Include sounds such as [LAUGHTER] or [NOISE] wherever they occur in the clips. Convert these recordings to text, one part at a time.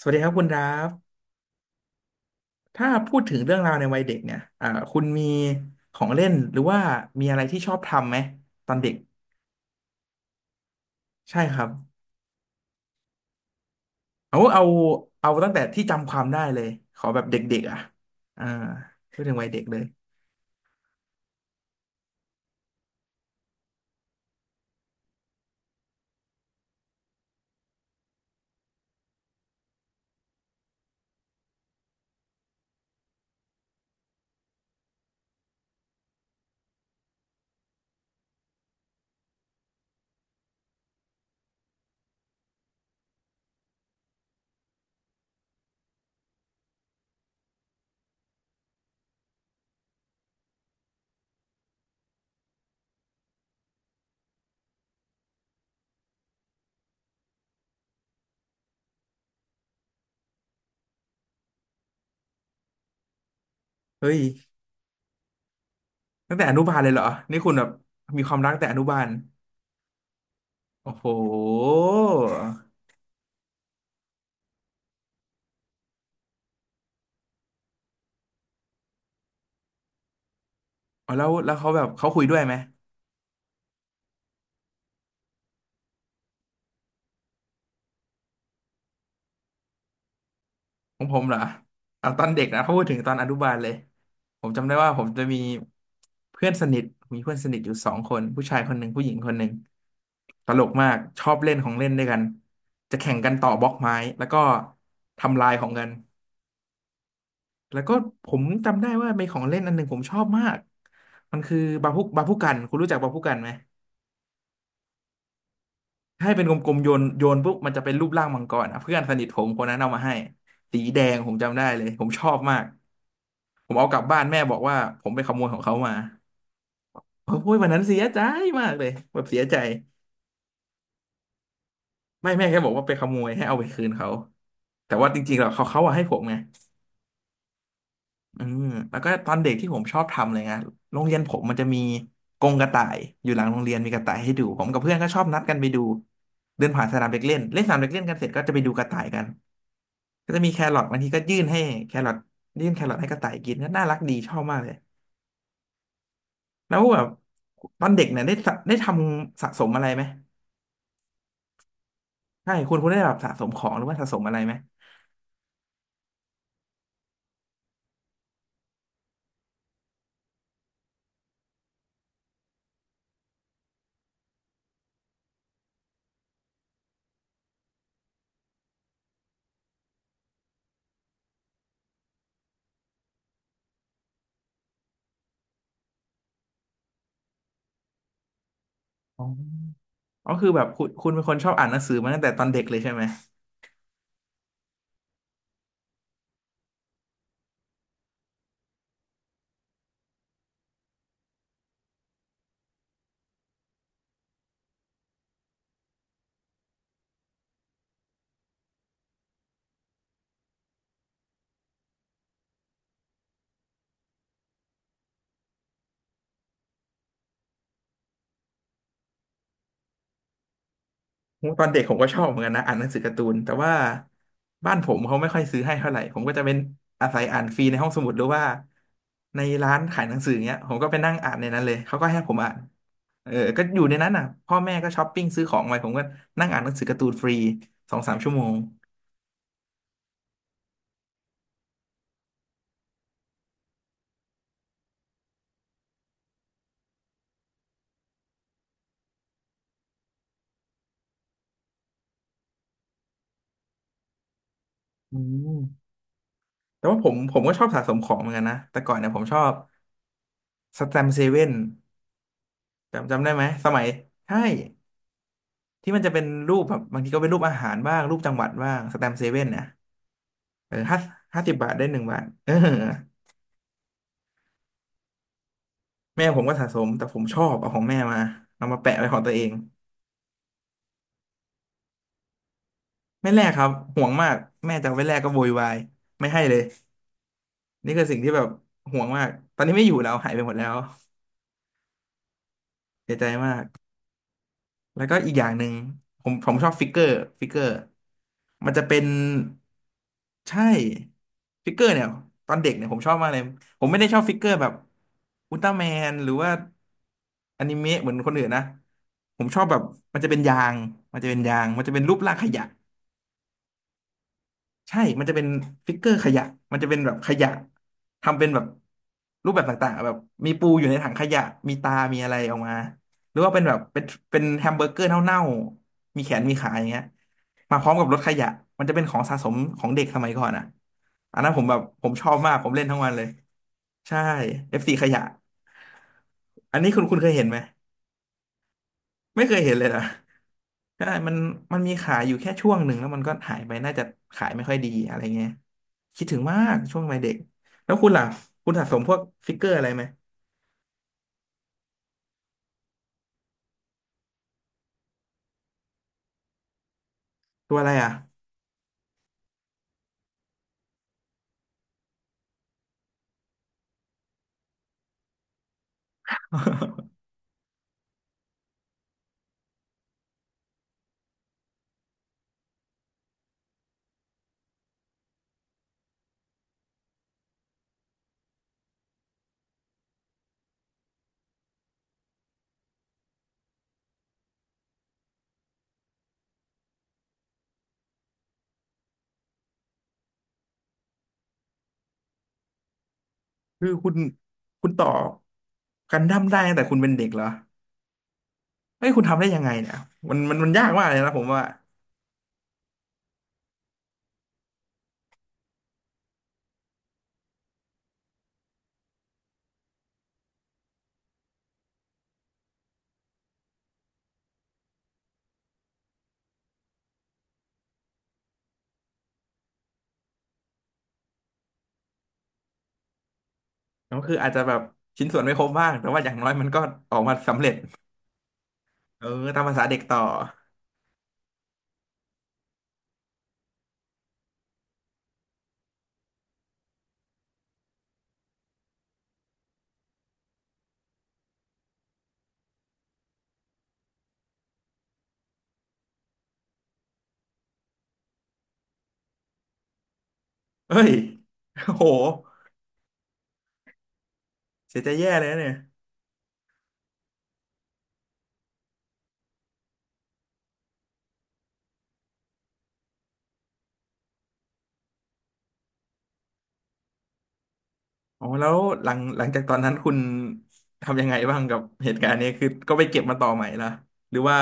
สวัสดีครับคุณดราฟถ้าพูดถึงเรื่องราวในวัยเด็กเนี่ยคุณมีของเล่นหรือว่ามีอะไรที่ชอบทำไหมตอนเด็กใช่ครับเอาเอาเอาตั้งแต่ที่จำความได้เลยขอแบบเด็กๆอ่ะอ่าพูดถึงวัยเด็กเลยเฮ้ยตั้งแต่อนุบาลเลยเหรอนี่คุณแบบมีความรักแต่อนุบาลโอ้โหอ๋อแล้วเขาแบบเขาคุยด้วยไหม ของผมเหรอเอาตอนเด็กนะพูดถึงตอนอนุบาลเลยผมจำได้ว่าผมจะมีเพื่อนสนิทมีเพื่อนสนิทอยู่สองคนผู้ชายคนหนึ่งผู้หญิงคนหนึ่งตลกมากชอบเล่นของเล่นด้วยกันจะแข่งกันต่อบล็อกไม้แล้วก็ทำลายของกันแล้วก็ผมจำได้ว่ามีของเล่นอันหนึ่งผมชอบมากมันคือบาพุกันคุณรู้จักบาพุกันไหมให้เป็นกลมๆโยนปุ๊บมันจะเป็นรูปร่างมังกรอ่ะเพื่อนสนิทผมคนนั้นเอามาให้สีแดงผมจำได้เลยผมชอบมาก ผมเอากลับบ้านแม่บอกว่าผมไปขโมยของเขามาโอ้ยวันนั้นเสียใจมากเลยแบบเสียใจไม่แม่แค่บอกว่าไปขโมยให้เอาไปคืนเขา แต่ว่าจริงๆแล้วเขาอะให้ผมไงอืมแล้วก็ตอนเด็กที่ผมชอบทำเลยนะโรงเรียนผมมันจะมีกรงกระต่ายอยู่หลังโรงเรียนมีกระต่ายให้ดูผมกับเพื่อนก็ชอบนัดกันไปดูเดินผ่านสนามเด็กเล่นเล่นสนามเด็กเล่นกันเสร็จก็จะไปดูกระต่ายกันก็จะมีแครอทบางทีก็ยื่นให้แครอทยื่นแครอทให้กระต่ายกินก็น่ารักดีชอบมากเลยแล้วแบบตอนเด็กเนี่ยได้สะได้ทำสะสมอะไรไหม ใช่คุณได้แบบสะสมของหรือว่าสะสมอะไรไหมอ๋ออ๋อคือแบบคุณเป็นคนชอบอ่านหนังสือมาตั้งแต่ตอนเด็กเลยใช่ไหมโอ้ตอนเด็กผมก็ชอบเหมือนกันนะอ่านหนังสือการ์ตูนแต่ว่าบ้านผมเขาไม่ค่อยซื้อให้เท่าไหร่ผมก็จะเป็นอาศัยอ่านฟรีในห้องสมุดหรือว่าในร้านขายหนังสือเงี้ยผมก็ไปนั่งอ่านในนั้นเลยเขาก็ให้ผมอ่านเออก็อยู่ในนั้นน่ะพ่อแม่ก็ช้อปปิ้งซื้อของไปผมก็นั่งอ่านหนังสือการ์ตูนฟรีสองสามชั่วโมงอืมแต่ว่าผมก็ชอบสะสมของเหมือนกันนะแต่ก่อนเนี่ยผมชอบสแตมป์เซเว่น จำได้ไหมสมัยใช่ที่มันจะเป็นรูปแบบบางทีก็เป็นรูปอาหารบ้างรูปจังหวัดบ้างสแตมป์เซเว่นนะเออห้าสิบบาทได้หนึ่งบาทเออแม่ผมก็สะสมแต่ผมชอบเอาของแม่มาเอามาแปะไว้ของตัวเองไม่แลกครับห่วงมากแม่จะเอาไว้แลกก็โวยวายไม่ให้เลยนี่คือสิ่งที่แบบห่วงมากตอนนี้ไม่อยู่แล้วหายไปหมดแล้วเสียใจมาก แล้วก็อีกอย่างหนึ่งผมชอบฟิกเกอร์ฟิกเกอร์มันจะเป็นใช่ฟิกเกอร์เนี่ยตอนเด็กเนี่ยผมชอบมากเลยผมไม่ได้ชอบฟิกเกอร์แบบอุลตร้าแมนหรือว่าอนิเมะเหมือนคนอื่นนะผมชอบแบบมันจะเป็นยางมันจะเป็นยางมันจะเป็นรูปร่างขยะ ใช่ มันจะเป็นฟิกเกอร์ขยะ มันจะเป็นแบบขยะ ทำเป็นแบบรูปแบบต่างๆแบบมีปูอยู่ในถังขยะ มีตา มีอะไรออกมาหรือว่าเป็นแบบเป็นแฮมเบอร์เกอร์เน่าๆมีแขนมีขาอย่างเงี้ยมาพร้อมกับรถขยะมันจะเป็นของสะสมของเด็กสมัยก่อนอ่ะอันนั้นผมแบบผมชอบมากผมเล่นทั้งวันเลยใช่ f ีขยะ อันนี้คุณเคยเห็นไหม ไม่เคยเห็นเลยนะใช่มันมีขายอยู่แค่ช่วงหนึ่งแล้วมันก็หายไปน่าจะขายไม่ค่อยดีอะไรเงี้ยคิดถึงมากช่วงวัยเด็กแล้วคุณล่ะคุณสะสมพวกฟิกเกอร์อะไรไหมตัวอะไรอ่ะ [LAUGHS] คือคุณต่อกันดั้มได้ตั้งแต่คุณเป็นเด็กเหรอเฮ้ยคุณทำได้ยังไงเนี่ยมันยากมากเลยนะผมว่าก็คืออาจจะแบบชิ้นส่วนไม่ครบบ้างแต่ว่าอย่างน้อยมันก็ออกมาสำเร็จเออตามภาษาเด็กต่อเอ้ยโอ้โหเสียใจแย่เลยนะเนี่ย อ๋อแล้วหลังจากตอนนั้นคุณทำยังไงบ้างกับเหตุการณ์นี้คือก็ไปเก็บมาต่อใหม่ละหรือว่า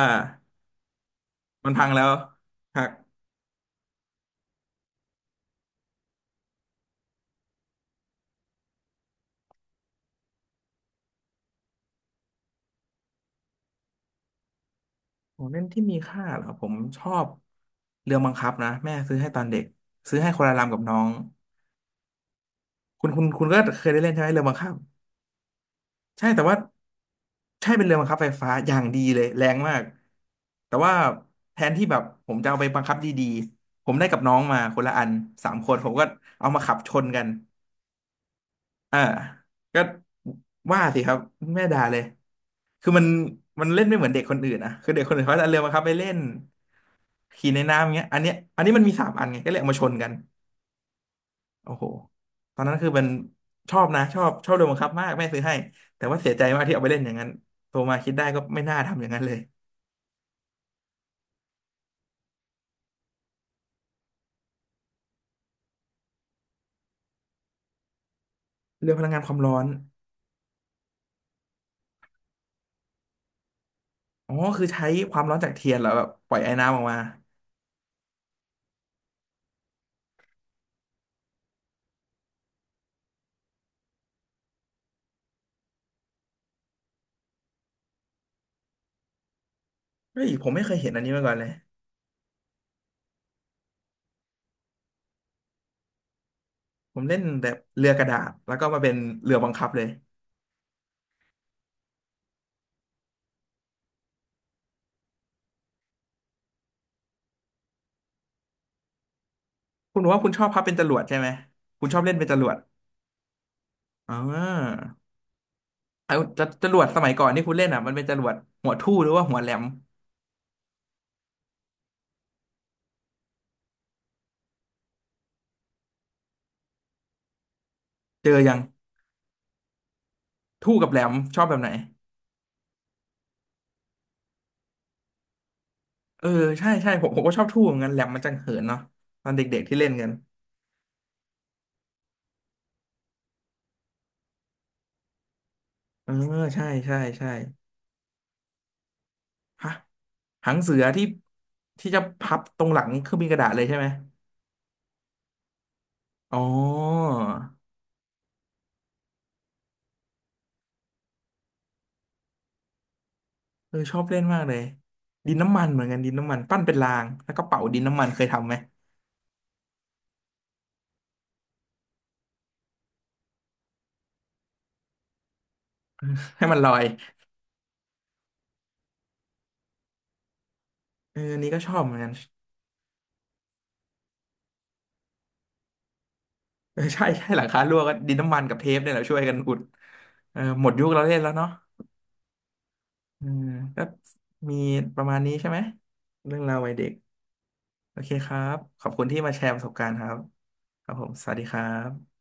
มันพังแล้วหักของเล่นที่มีค่าเหรอผมชอบเรือบังคับนะแม่ซื้อให้ตอนเด็กซื้อให้คนละลำกับน้องคุณก็เคยได้เล่นใช่ไหมเรือบังคับใช่แต่ว่าใช่เป็นเรือบังคับไฟฟ้าอย่างดีเลยแรงมากแต่ว่าแทนที่แบบผมจะเอาไปบังคับดีๆผมได้กับน้องมาคนละอันสามคนผมก็เอามาขับชนกัน อ่าก็ว่าสิครับแม่ด่าเลยคือมันเล่นไม่เหมือนเด็กคนอื่นนะคือเด็กคนอื่นเขาจะเอาเรือมาครับไปเล่นขี่ในน้ำอย่างเงี้ยอันเนี้ยอันนี้มันมีสามอันไงก็เลยเอามาชนกันโอ้โหตอนนั้นคือมันชอบนะชอบเรือบังคับมากแม่ซื้อให้แต่ว่าเสียใจมากที่เอาไปเล่นอย่างนั้นโตมาคิดได้ก็ไม่น่าทำอย่างนั้นเลยเรือพลังงานความร้อนอ๋อคือใช้ความร้อนจากเทียนเหรอแบบปล่อยไอ้น้ำออกมาเฮ้ยผมไม่เคยเห็นอันนี้มาก่อนเลยผมเล่นแต่เรือกระดาษแล้วก็มาเป็นเรือบังคับเลย คุณบอกว่าคุณชอบพับเป็นจรวดใช่ไหมคุณชอบเล่นเป็นจรวดอ่าเอาจะจรวดสมัยก่อนที่คุณเล่นอ่ะมันเป็นจรวดหัวทู่หรือว่าหัวแหลมเจอยังทู่กับแหลมชอบแบบไหนเออใช่ใช่ผมก็ชอบทู่เหมือนกันแหลมมันจังเหินเนาะตอนเด็กๆที่เล่นกันเออใช่ใช่ใช่ฮะหางเสือที่จะพับตรงหลังเครื่องบินกระดาษเลยใช่ไหมอ๋อเออชอบเล่นมากเลยดินน้ำมันเหมือนกันดินน้ำมันปั้นเป็นรางแล้วก็เป่าดินน้ำมันเคยทำไหม [LAUGHS] ให้มันลอยเอออันนี้ก็ชอบเหมือนกัน เออใช่ใช่หลังคารั่วก็ดินน้ำมันกับเทปเนี่ยแหละช่วยกันอุดเออหมดยุคเราเล่นแล้วเนาะเอมก็มีประมาณนี้ใช่ไหมเรื่องราววัยเด็กโอเคครับขอบคุณที่มาแชร์ประสบการณ์ครับครับผมสวัสดีครับ